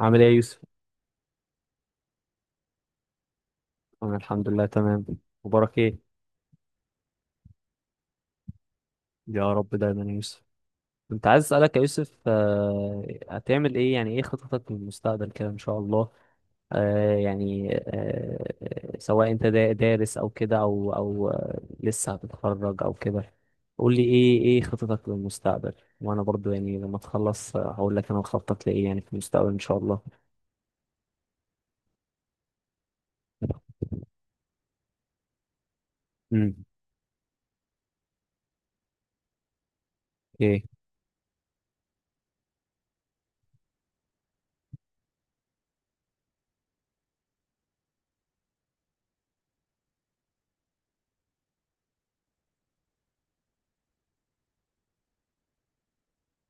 عامل ايه يا يوسف؟ أنا الحمد لله تمام. مبارك ايه؟ يا رب دايما يا يوسف. كنت عايز اسألك يا يوسف، هتعمل ايه، يعني ايه خططك للمستقبل كده ان شاء الله؟ سواء انت دارس او كده او لسه هتتخرج او كده، قول لي ايه خططك للمستقبل، وانا برضو يعني لما تخلص هقول لك انا مخطط لايه يعني في المستقبل ان شاء الله. امم. ايه.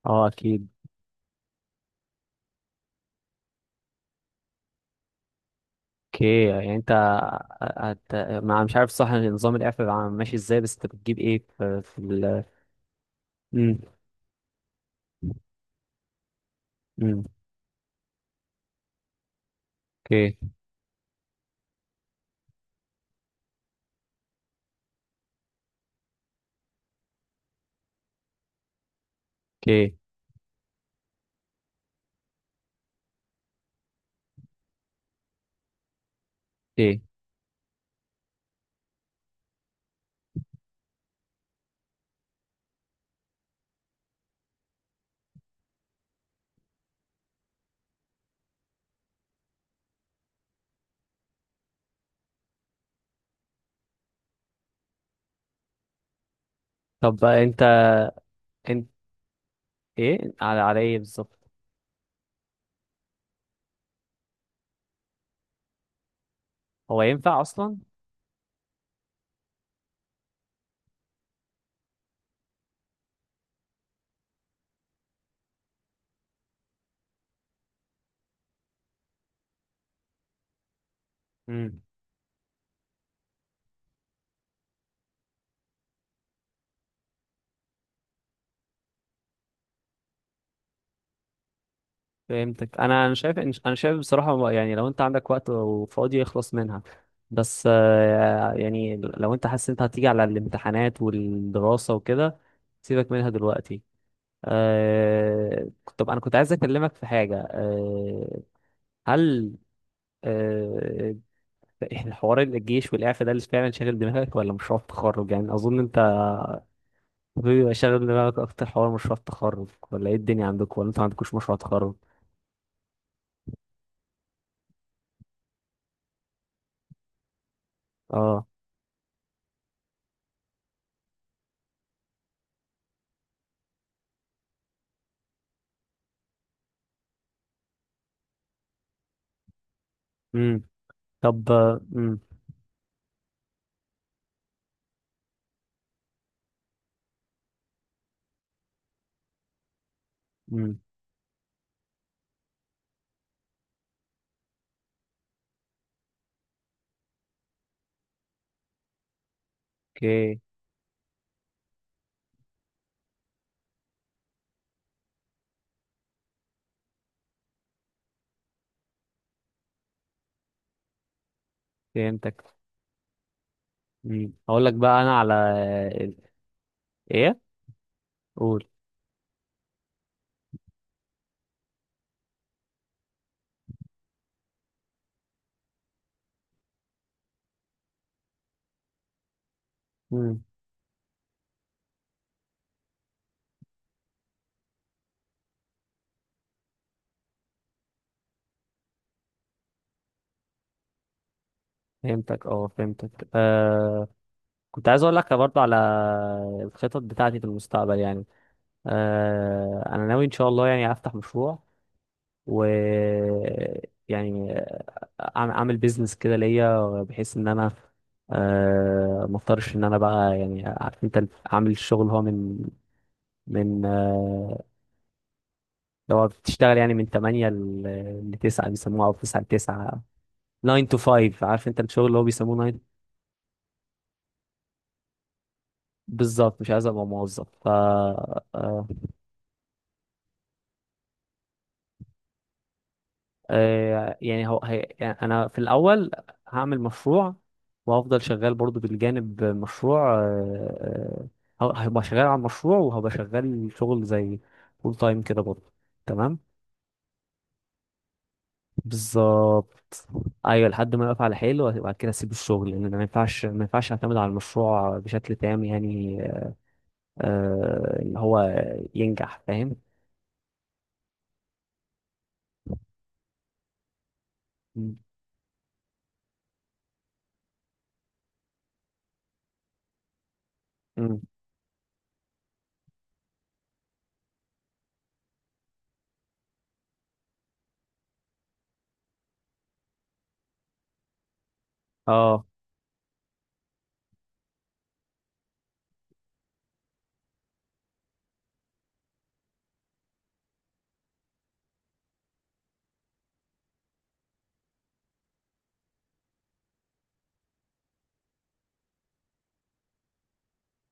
اه اكيد. اوكي. يعني انت ما مش عارف صح نظام الاعفاء بقى ماشي ازاي، بس انت بتجيب ايه في؟ امم. امم. اوكي. اوكي، اوكي. طب بقى انت، انت ايه على ايه بالظبط؟ هو ينفع اصلا؟ امم. فهمتك. انا شايف بصراحة، يعني لو انت عندك وقت وفاضي اخلص منها، بس يعني لو انت حاسس انت هتيجي على الامتحانات والدراسة وكده، سيبك منها دلوقتي. آه... طب انا كنت عايز اكلمك في حاجه. هل آه... حوار الجيش والاعفاء ده اللي فعلا شاغل دماغك ولا مشروع التخرج؟ يعني اظن انت بيبقى شاغل دماغك اكتر حوار مشروع التخرج، ولا ايه الدنيا عندك، ولا انت ما عندكوش مشروع تخرج؟ اه. امم. طب. امم. امم. اوكي. فهمتك. امم. هقول لك بقى انا على ايه. قول. امم. فهمتك، اه فهمتك. كنت عايز اقول لك برضه على الخطط بتاعتي في المستقبل يعني. انا ناوي ان شاء الله يعني افتح مشروع و يعني اعمل بيزنس كده ليا، بحيث ان انا ما اضطرش ان انا بقى، يعني عارف انت عامل الشغل هو من لو بتشتغل يعني من 8 ل 9 بيسموها، او 9 ل 9، 9 to 5، عارف انت الشغل اللي هو بيسموه 9. بالظبط، مش عايز ابقى موظف، ف يعني هو هي يعني انا في الاول هعمل مشروع وهفضل شغال برضو بالجانب مشروع. هبقى شغال على المشروع وهبقى شغال شغل زي فول تايم كده برضو، تمام. بالظبط، ايوه، لحد ما اقف على حيله وبعد كده اسيب الشغل، لان أنا ما ينفعش اعتمد على المشروع بشكل تام يعني اللي هو ينجح، فاهم. م- م. اه،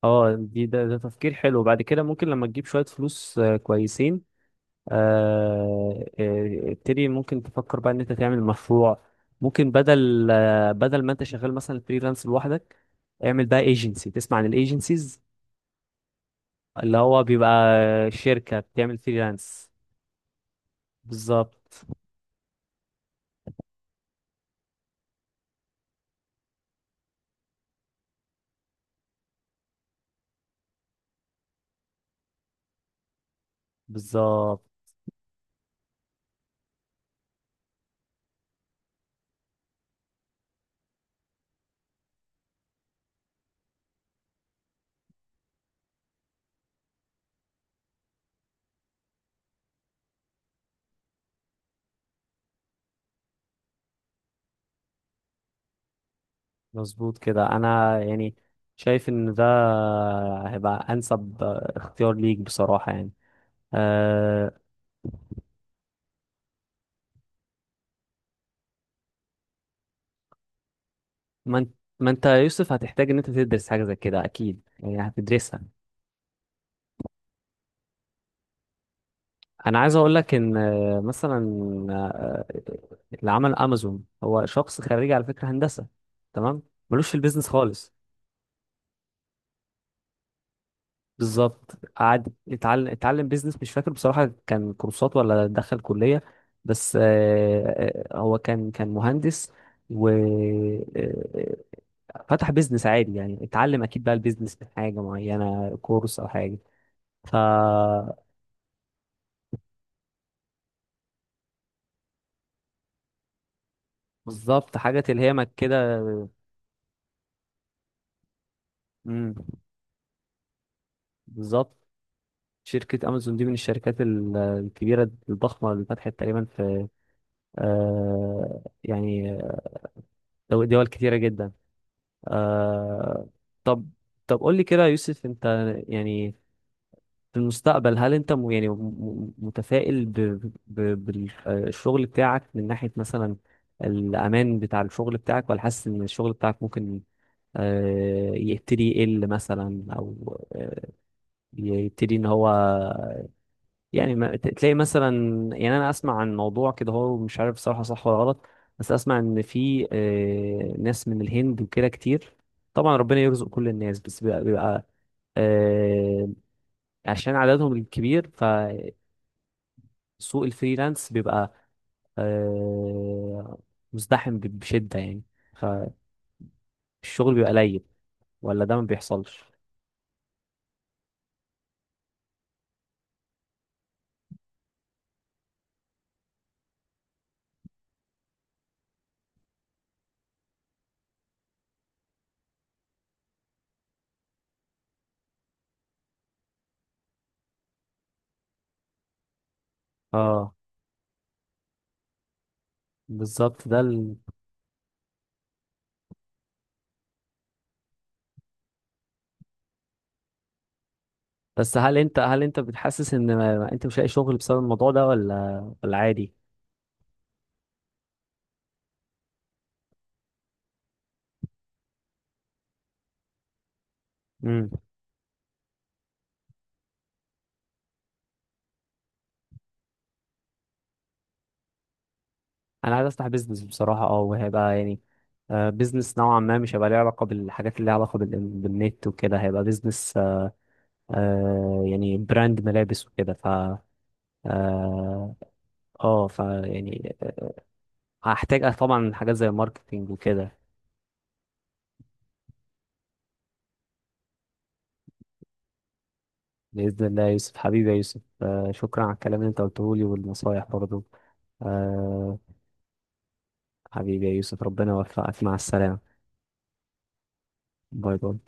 اه، ده تفكير حلو. بعد كده ممكن لما تجيب شوية فلوس كويسين، ابتدي، ممكن تفكر بقى ان انت تعمل مشروع. ممكن بدل بدل ما انت شغال مثلا فريلانس لوحدك، اعمل بقى ايجنسي، تسمع عن الايجنسيز اللي هو بيبقى شركة بتعمل فريلانس. بالظبط، بالظبط. مظبوط كده، انا يعني شايف ان ده هيبقى انسب اختيار ليك بصراحة يعني. آه، ما انت ما انت يا يوسف هتحتاج ان انت تدرس حاجة زي كده اكيد، يعني هتدرسها. انا عايز اقول لك ان مثلا آه، اللي عمل امازون هو شخص خريج على فكره هندسه، تمام، ملوش في البيزنس خالص. بالظبط، قعد اتعلم بيزنس، مش فاكر بصراحه كان كورسات ولا دخل كليه، بس هو كان مهندس و فتح بيزنس عادي، يعني اتعلم اكيد بقى البيزنس من حاجه معينه، كورس او حاجه. ف بالظبط، حاجه تلهمك كده. مم. بالظبط، شركة أمازون دي من الشركات الكبيرة الضخمة اللي فتحت تقريبا في آه يعني دول كتيرة جدا. آه. طب، طب قول لي كده يا يوسف، أنت يعني في المستقبل، هل أنت متفائل بالشغل بتاعك من ناحية مثلا الأمان بتاع الشغل بتاعك، ولا حاسس إن الشغل بتاعك ممكن آه يبتدي يقل مثلا، أو آه، يبتدي إن هو يعني ما تلاقي مثلا؟ يعني انا اسمع عن موضوع كده، هو مش عارف صراحة صح ولا غلط، بس اسمع ان في ناس من الهند وكده كتير، طبعا ربنا يرزق كل الناس، بس بيبقى آه، عشان عددهم الكبير فسوق الفريلانس بيبقى آه، مزدحم بشدة يعني، فالشغل بيبقى قليل، ولا ده ما بيحصلش؟ اه، بالظبط، ده بس هل انت، هل انت بتحسس ان ما انت مش لاقي شغل بسبب الموضوع ده، ولا عادي؟ انا عايز افتح بيزنس بصراحه، اه، وهيبقى يعني بيزنس نوعا ما، مش هيبقى ليه علاقه بالحاجات اللي ليها علاقه بالنت وكده، هيبقى بيزنس براند ملابس وكده، ف اه آه، ف يعني آه، هحتاج طبعا حاجات زي الماركتينج وكده. باذن الله يا يوسف، حبيبي يا يوسف، شكرا على الكلام اللي انت قلته لي والنصايح برضه. آه، حبيبي يا يوسف، ربنا يوفقك، مع السلامه. باي باي.